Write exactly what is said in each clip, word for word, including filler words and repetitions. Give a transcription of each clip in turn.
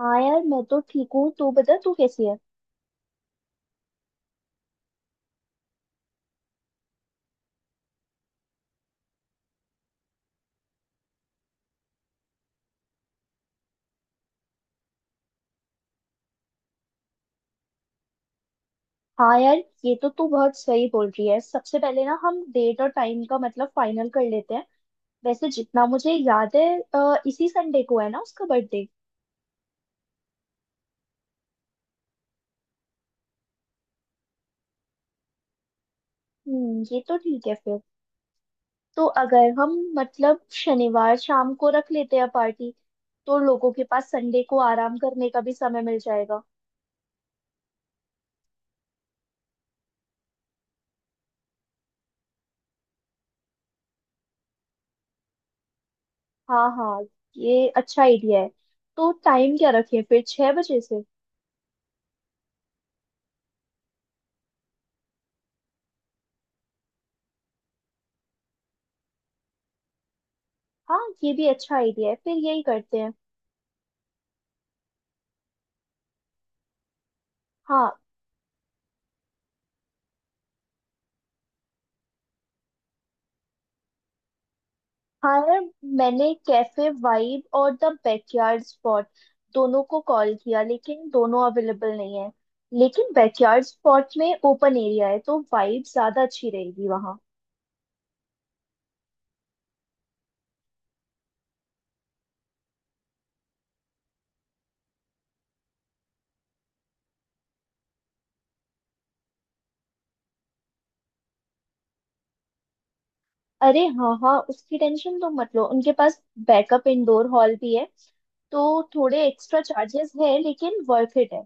हाँ यार, मैं तो ठीक हूँ। तू बता, तू कैसी है? हाँ यार, ये तो तू बहुत सही बोल रही है। सबसे पहले ना हम डेट और टाइम का मतलब फाइनल कर लेते हैं। वैसे जितना मुझे याद है, अ, इसी संडे को है ना उसका बर्थडे? हम्म ये तो ठीक है फिर। तो अगर हम मतलब शनिवार शाम को रख लेते हैं पार्टी, तो लोगों के पास संडे को आराम करने का भी समय मिल जाएगा। हाँ हाँ, ये अच्छा आइडिया है। तो टाइम क्या रखें फिर, छह बजे से? हाँ, ये भी अच्छा आइडिया है, फिर यही करते हैं। हाँ। हाँ यार, मैंने कैफे वाइब और द बैकयार्ड स्पॉट दोनों को कॉल किया, लेकिन दोनों अवेलेबल नहीं है। लेकिन बैकयार्ड स्पॉट में ओपन एरिया है तो वाइब ज्यादा अच्छी रहेगी वहाँ। अरे हाँ हाँ, उसकी टेंशन तो मत लो, उनके पास बैकअप इंडोर हॉल भी है। तो थोड़े एक्स्ट्रा चार्जेस है लेकिन वर्थ इट है।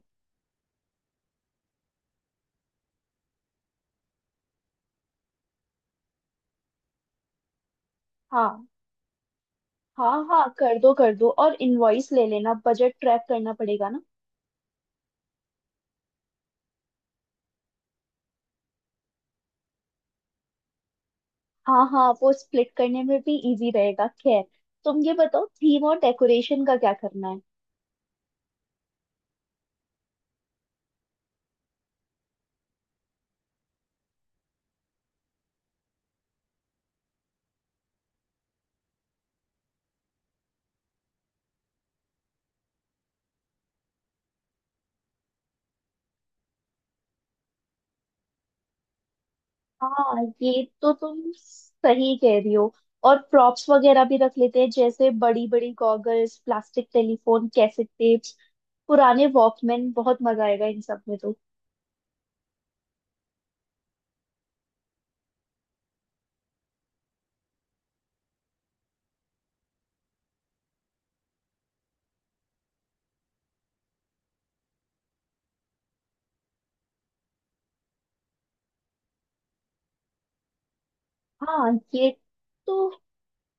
हाँ हाँ हाँ, कर दो कर दो, और इनवॉइस ले लेना, बजट ट्रैक करना पड़ेगा ना। हाँ हाँ, वो स्प्लिट करने में भी इजी रहेगा। खैर, तुम ये बताओ थीम और डेकोरेशन का क्या करना है? हाँ, ये तो तुम सही कह रही हो। और प्रॉप्स वगैरह भी रख लेते हैं, जैसे बड़ी बड़ी goggles, plastic telephone, cassette tapes, पुराने वॉकमैन। बहुत मजा आएगा इन सब में तो। हाँ, ये तो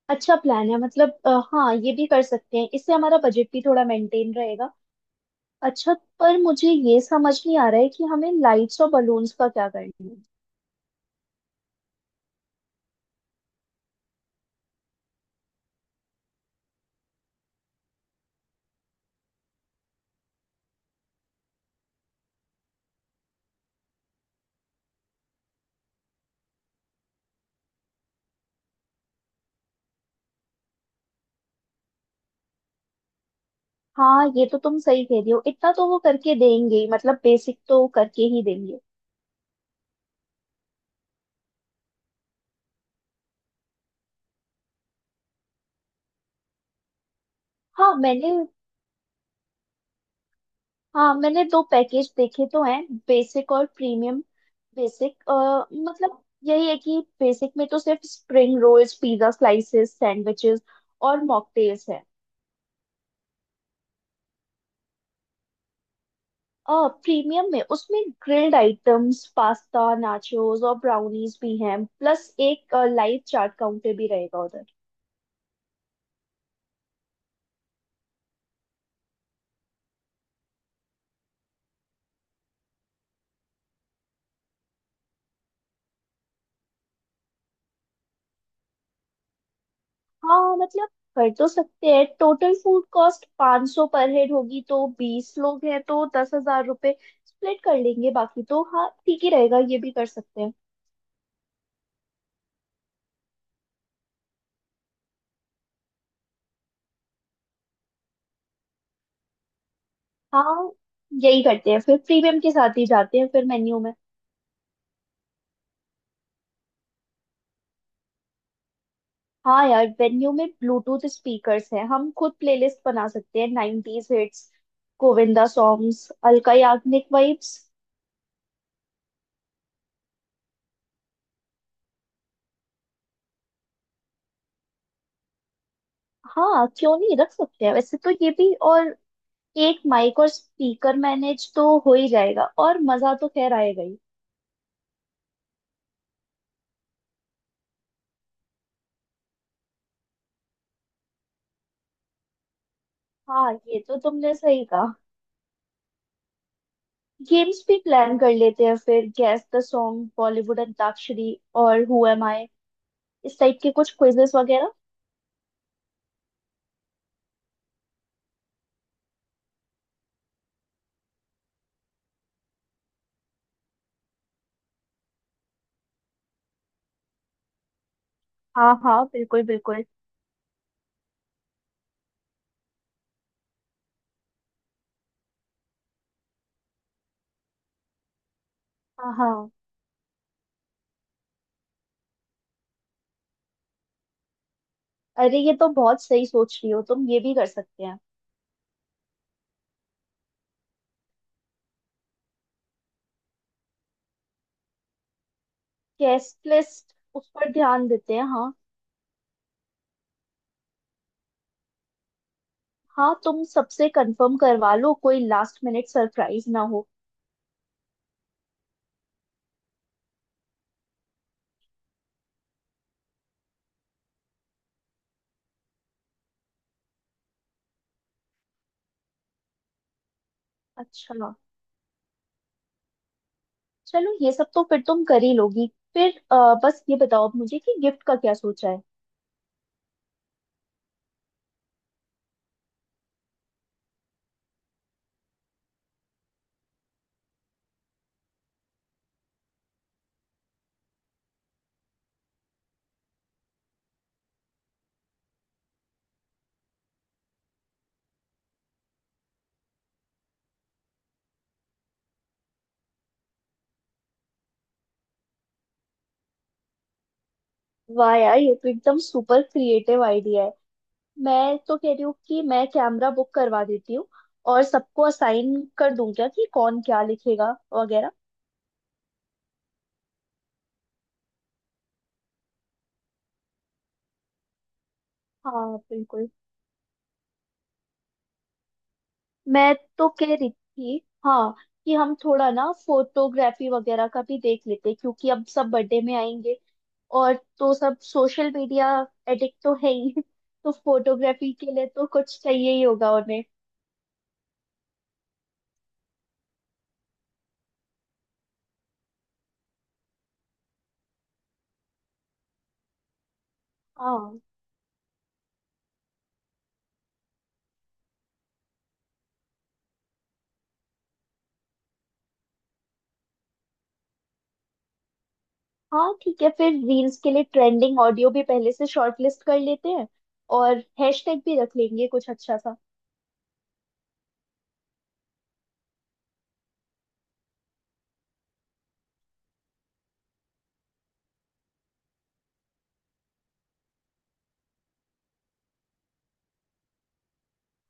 अच्छा प्लान है। मतलब अ, हाँ, ये भी कर सकते हैं, इससे हमारा बजट भी थोड़ा मेंटेन रहेगा। अच्छा, पर मुझे ये समझ नहीं आ रहा है कि हमें लाइट्स और बलून्स का क्या करना है? हाँ, ये तो तुम सही कह रही हो, इतना तो वो करके देंगे ही, मतलब बेसिक तो करके ही देंगे। हाँ मैंने हाँ मैंने दो पैकेज देखे तो हैं, बेसिक और प्रीमियम। बेसिक मतलब यही है कि बेसिक में तो सिर्फ spring rolls, pizza slices, sandwiches और मॉकटेल्स है। आ, प्रीमियम में उसमें ग्रिल्ड आइटम्स, पास्ता, नाचोस और ब्राउनीज भी हैं, प्लस एक लाइव चाट काउंटर भी रहेगा उधर। हाँ मतलब, कर तो सकते हैं। टोटल फूड कॉस्ट 500 सौ पर हेड होगी, तो बीस लोग हैं तो दस हजार रुपये स्प्लिट कर लेंगे। बाकी तो हाँ, ठीक ही रहेगा, ये भी कर सकते हैं। हाँ, यही करते हैं फिर, प्रीमियम के साथ ही जाते हैं फिर मेन्यू में। हाँ यार, मेन्यू में ब्लूटूथ स्पीकर्स हैं, हम खुद प्लेलिस्ट बना सकते हैं। Nineties hits, Govinda songs, Alka Yagnik vibes. हाँ, क्यों नहीं, रख सकते हैं वैसे तो ये भी। और एक माइक और स्पीकर मैनेज तो हो ही जाएगा, और मजा तो खैर आएगा ही। हाँ, ये तो तुमने सही कहा। गेम्स भी प्लान कर लेते हैं फिर, guess the song, Bollywood antakshari और हु एम आई, इस टाइप के कुछ क्विजेस वगैरह। हाँ हाँ, बिल्कुल बिल्कुल। हाँ हाँ। अरे, ये तो बहुत सही सोच रही हो तुम, ये भी कर सकते हैं। गेस्ट लिस्ट, उस पर ध्यान देते हैं, हाँ। हाँ, तुम सबसे कंफर्म करवा लो, कोई लास्ट मिनट सरप्राइज ना हो। अच्छा, चलो, ये सब तो फिर तुम कर ही लोगी। फिर अ, बस ये बताओ अब मुझे कि गिफ्ट का क्या सोचा है? वाह यार, ये तो एकदम सुपर क्रिएटिव आइडिया है। मैं तो कह रही हूँ कि मैं कैमरा बुक करवा देती हूँ, और सबको असाइन कर दूं क्या कि कौन क्या लिखेगा वगैरह। हाँ बिल्कुल। मैं तो कह रही थी, हाँ, कि हम थोड़ा ना फोटोग्राफी वगैरह का भी देख लेते, क्योंकि अब सब बर्थडे में आएंगे। और तो सब सोशल मीडिया एडिक्ट तो है ही तो फोटोग्राफी के लिए तो कुछ चाहिए ही होगा उन्हें। हाँ, हाँ ठीक है फिर, रील्स के लिए ट्रेंडिंग ऑडियो भी पहले से शॉर्ट लिस्ट कर लेते हैं, और हैशटैग भी रख लेंगे कुछ अच्छा सा।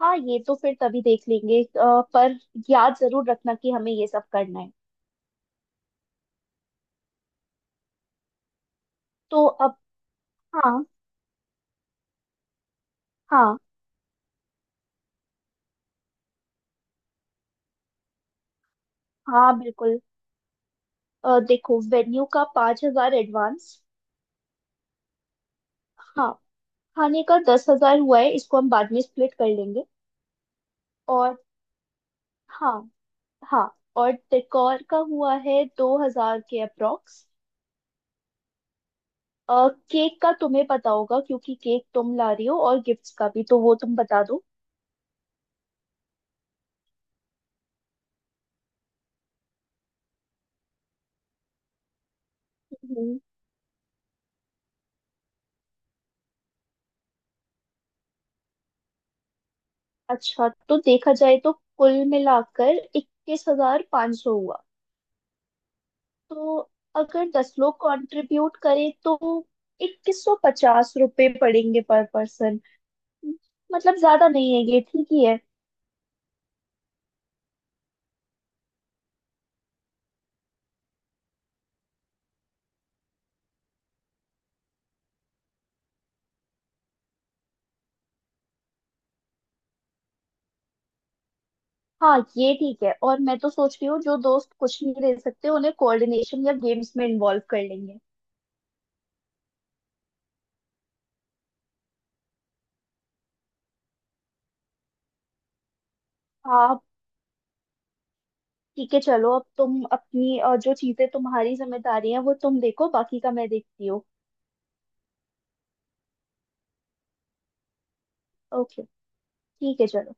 हाँ, ये तो फिर तभी देख लेंगे, अ, पर याद जरूर रखना कि हमें ये सब करना है। तो अब। हाँ। हाँ हाँ बिल्कुल। अ, देखो, वेन्यू का पाँच हजार एडवांस। हाँ, खाने का दस हजार हुआ है, इसको हम बाद में स्प्लिट कर लेंगे। और हाँ। हाँ, और डेकोर का हुआ है दो हजार के अप्रॉक्स। केक का तुम्हें पता होगा क्योंकि केक तुम ला रही हो, और गिफ्ट्स का भी तो वो तुम बता दो। हम्म, अच्छा, तो देखा जाए तो कुल मिलाकर इक्कीस हजार सौ हुआ। तो अगर दस लोग कंट्रीब्यूट करें तो इक्कीस सौ पचास रुपये पड़ेंगे पर पर्सन। मतलब ज्यादा नहीं है, ये ठीक ही है। हाँ, ये ठीक है, और मैं तो सोच रही हूँ जो दोस्त कुछ नहीं दे सकते उन्हें कोऑर्डिनेशन या गेम्स में इन्वॉल्व कर लेंगे। हाँ ठीक है, चलो अब तुम अपनी अ, जो चीजें तुम्हारी जिम्मेदारी है वो तुम देखो, बाकी का मैं देखती हूँ। ओके, ठीक है, चलो।